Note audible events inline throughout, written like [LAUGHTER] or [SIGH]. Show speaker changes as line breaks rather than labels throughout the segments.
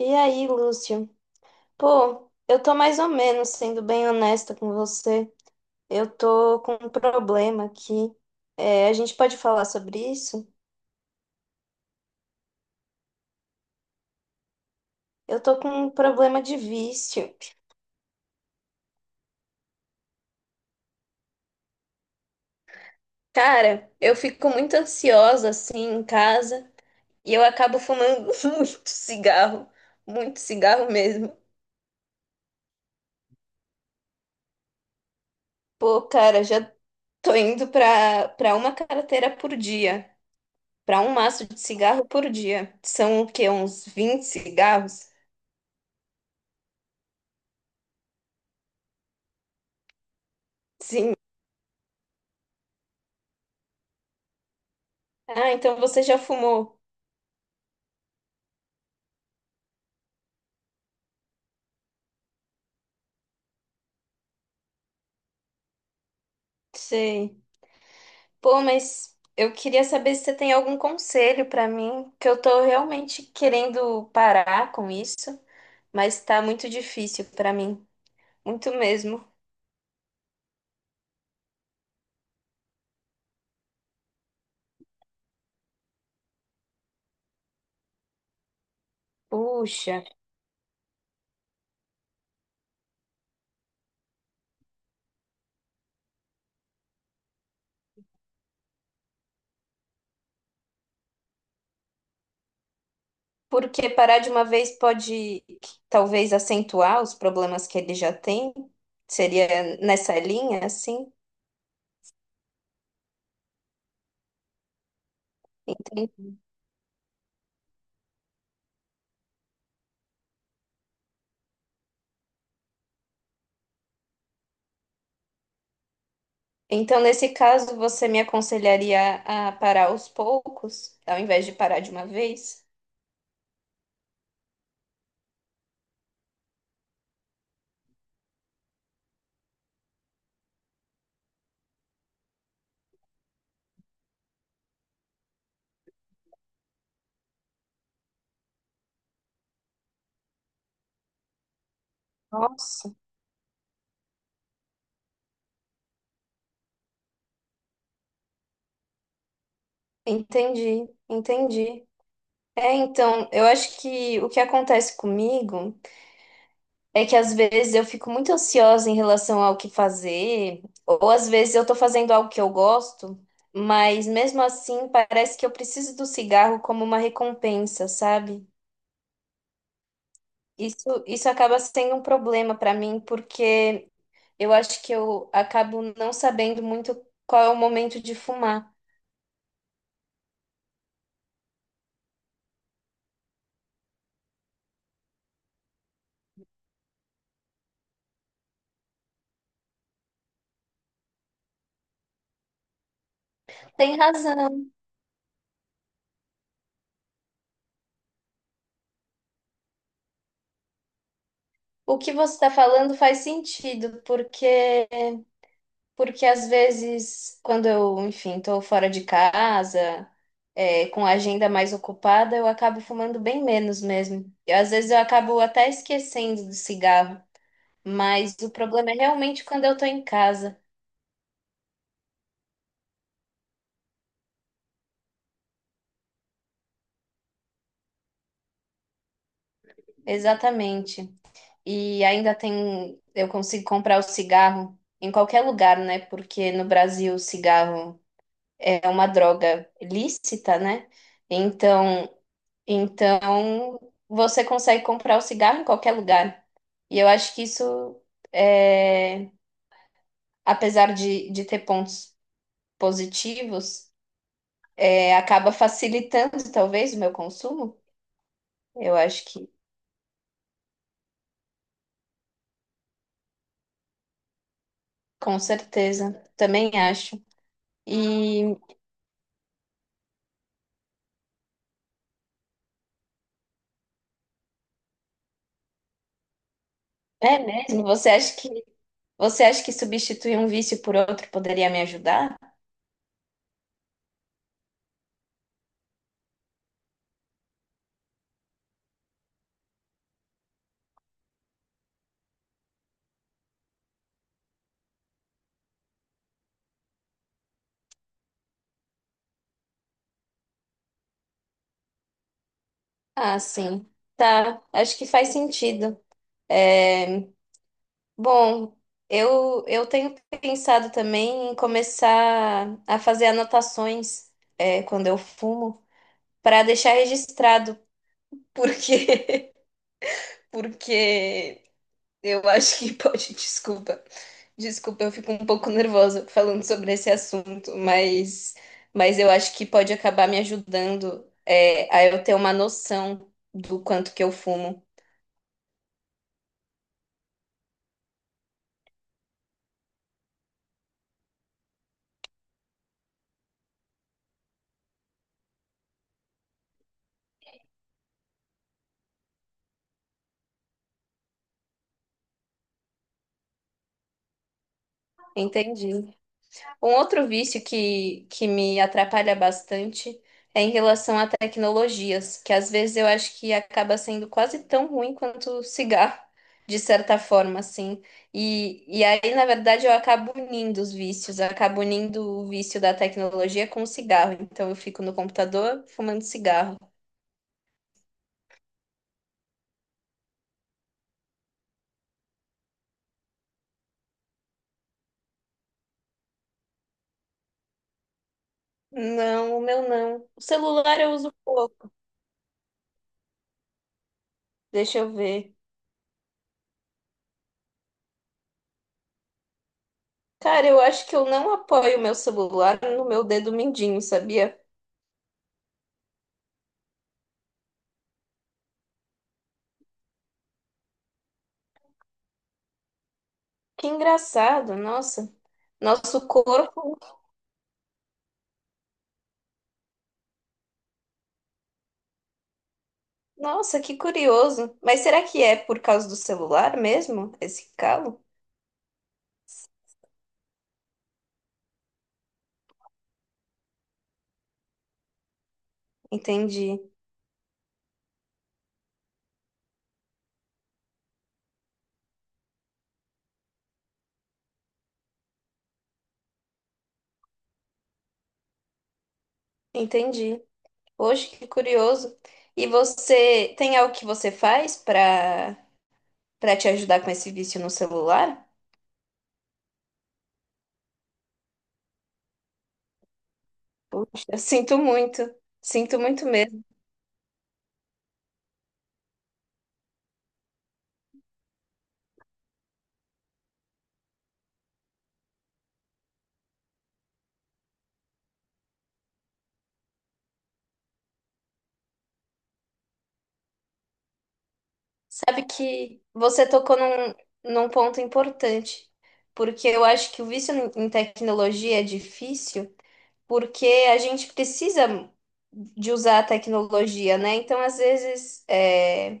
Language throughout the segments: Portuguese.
E aí, Lúcio? Pô, eu tô mais ou menos sendo bem honesta com você. Eu tô com um problema aqui. É, a gente pode falar sobre isso? Eu tô com um problema de vício. Cara, eu fico muito ansiosa assim em casa e eu acabo fumando [LAUGHS] muito cigarro, muito cigarro mesmo. Pô, cara, já tô indo pra uma carteira por dia, pra um maço de cigarro por dia. São o quê? Uns 20 cigarros? Sim. Ah, então você já fumou. Sei. Pô, mas eu queria saber se você tem algum conselho pra mim, que eu tô realmente querendo parar com isso, mas tá muito difícil pra mim, muito mesmo. Puxa, porque parar de uma vez pode talvez acentuar os problemas que ele já tem. Seria nessa linha, assim? Então, nesse caso, você me aconselharia a parar aos poucos, ao invés de parar de uma vez? Nossa. Entendi, entendi. É, então, eu acho que o que acontece comigo é que às vezes eu fico muito ansiosa em relação ao que fazer, ou às vezes eu tô fazendo algo que eu gosto, mas mesmo assim parece que eu preciso do cigarro como uma recompensa, sabe? Isso acaba sendo um problema para mim, porque eu acho que eu acabo não sabendo muito qual é o momento de fumar. Tem razão. O que você está falando faz sentido, porque às vezes, quando eu, enfim, tô fora de casa, é, com a agenda mais ocupada, eu acabo fumando bem menos mesmo. E às vezes eu acabo até esquecendo do cigarro. Mas o problema é realmente quando eu tô em casa. Exatamente. E ainda tem, eu consigo comprar o cigarro em qualquer lugar, né? Porque no Brasil o cigarro é uma droga lícita, né? Então, então você consegue comprar o cigarro em qualquer lugar. E eu acho que isso, é, apesar de ter pontos positivos, é, acaba facilitando talvez o meu consumo. Eu acho que, com certeza, também acho. E é mesmo, você acha que substituir um vício por outro poderia me ajudar? Ah, sim. Tá, acho que faz sentido. É, bom, eu tenho pensado também em começar a fazer anotações, é, quando eu fumo. Para deixar registrado, [LAUGHS] porque porque eu acho que [LAUGHS] pode, desculpa. Desculpa, eu fico um pouco nervosa falando sobre esse assunto, mas eu acho que pode acabar me ajudando é, a eu ter uma noção do quanto que eu fumo. Entendi. Um outro vício que me atrapalha bastante é em relação a tecnologias, que às vezes eu acho que acaba sendo quase tão ruim quanto o cigarro, de certa forma, assim. E aí, na verdade, eu acabo unindo os vícios, eu acabo unindo o vício da tecnologia com o cigarro. Então, eu fico no computador fumando cigarro. Não, o meu não. O celular eu uso pouco. Deixa eu ver. Cara, eu acho que eu não apoio o meu celular no meu dedo mindinho, sabia? Que engraçado, nossa. Nosso corpo. Nossa, que curioso. Mas será que é por causa do celular mesmo, esse calo? Entendi, entendi. Poxa, que curioso. E você tem algo que você faz para te ajudar com esse vício no celular? Poxa, eu [LAUGHS] sinto muito. Sinto muito mesmo. Sabe que você tocou num ponto importante, porque eu acho que o vício em tecnologia é difícil. Porque a gente precisa de usar a tecnologia, né? Então, às vezes, é,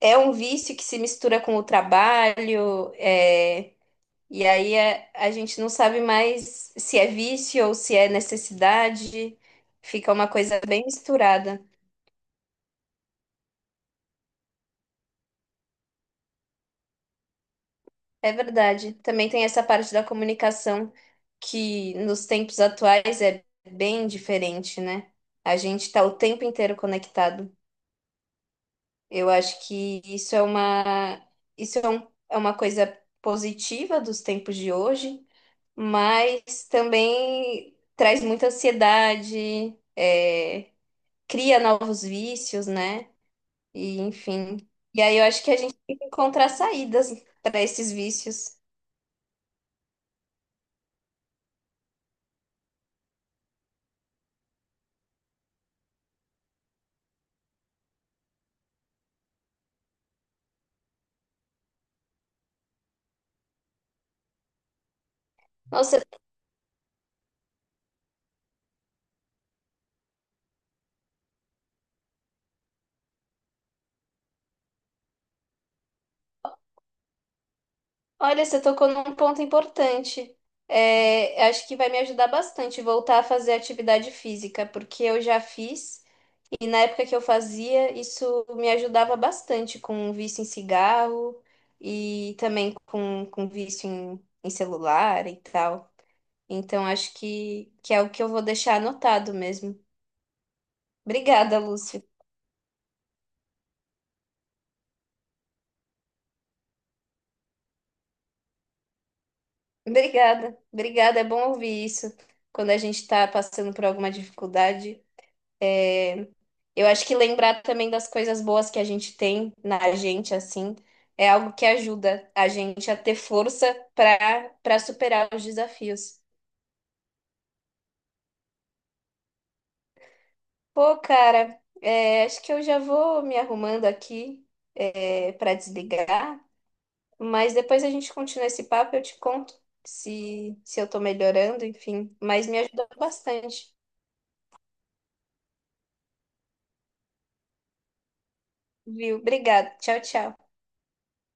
é um vício que se mistura com o trabalho, é, e aí a gente não sabe mais se é vício ou se é necessidade, fica uma coisa bem misturada. É verdade. Também tem essa parte da comunicação que nos tempos atuais é bem diferente, né? A gente está o tempo inteiro conectado. Eu acho que isso é uma, isso é, um- é uma coisa positiva dos tempos de hoje, mas também traz muita ansiedade, é, cria novos vícios, né? E enfim. E aí eu acho que a gente tem que encontrar saídas para esses vícios. Nossa, olha, você tocou num ponto importante. É, acho que vai me ajudar bastante voltar a fazer atividade física, porque eu já fiz. E na época que eu fazia, isso me ajudava bastante com vício em cigarro e também com vício em celular e tal. Então acho que é o que eu vou deixar anotado mesmo. Obrigada, Lúcio. Obrigada, obrigada. É bom ouvir isso quando a gente está passando por alguma dificuldade. É, eu acho que lembrar também das coisas boas que a gente tem na gente, assim, é algo que ajuda a gente a ter força para superar os desafios. Pô, cara, é, acho que eu já vou me arrumando aqui, é, para desligar, mas depois a gente continua esse papo, e eu te conto se eu tô melhorando, enfim. Mas me ajudou bastante, viu? Obrigada. Tchau, tchau.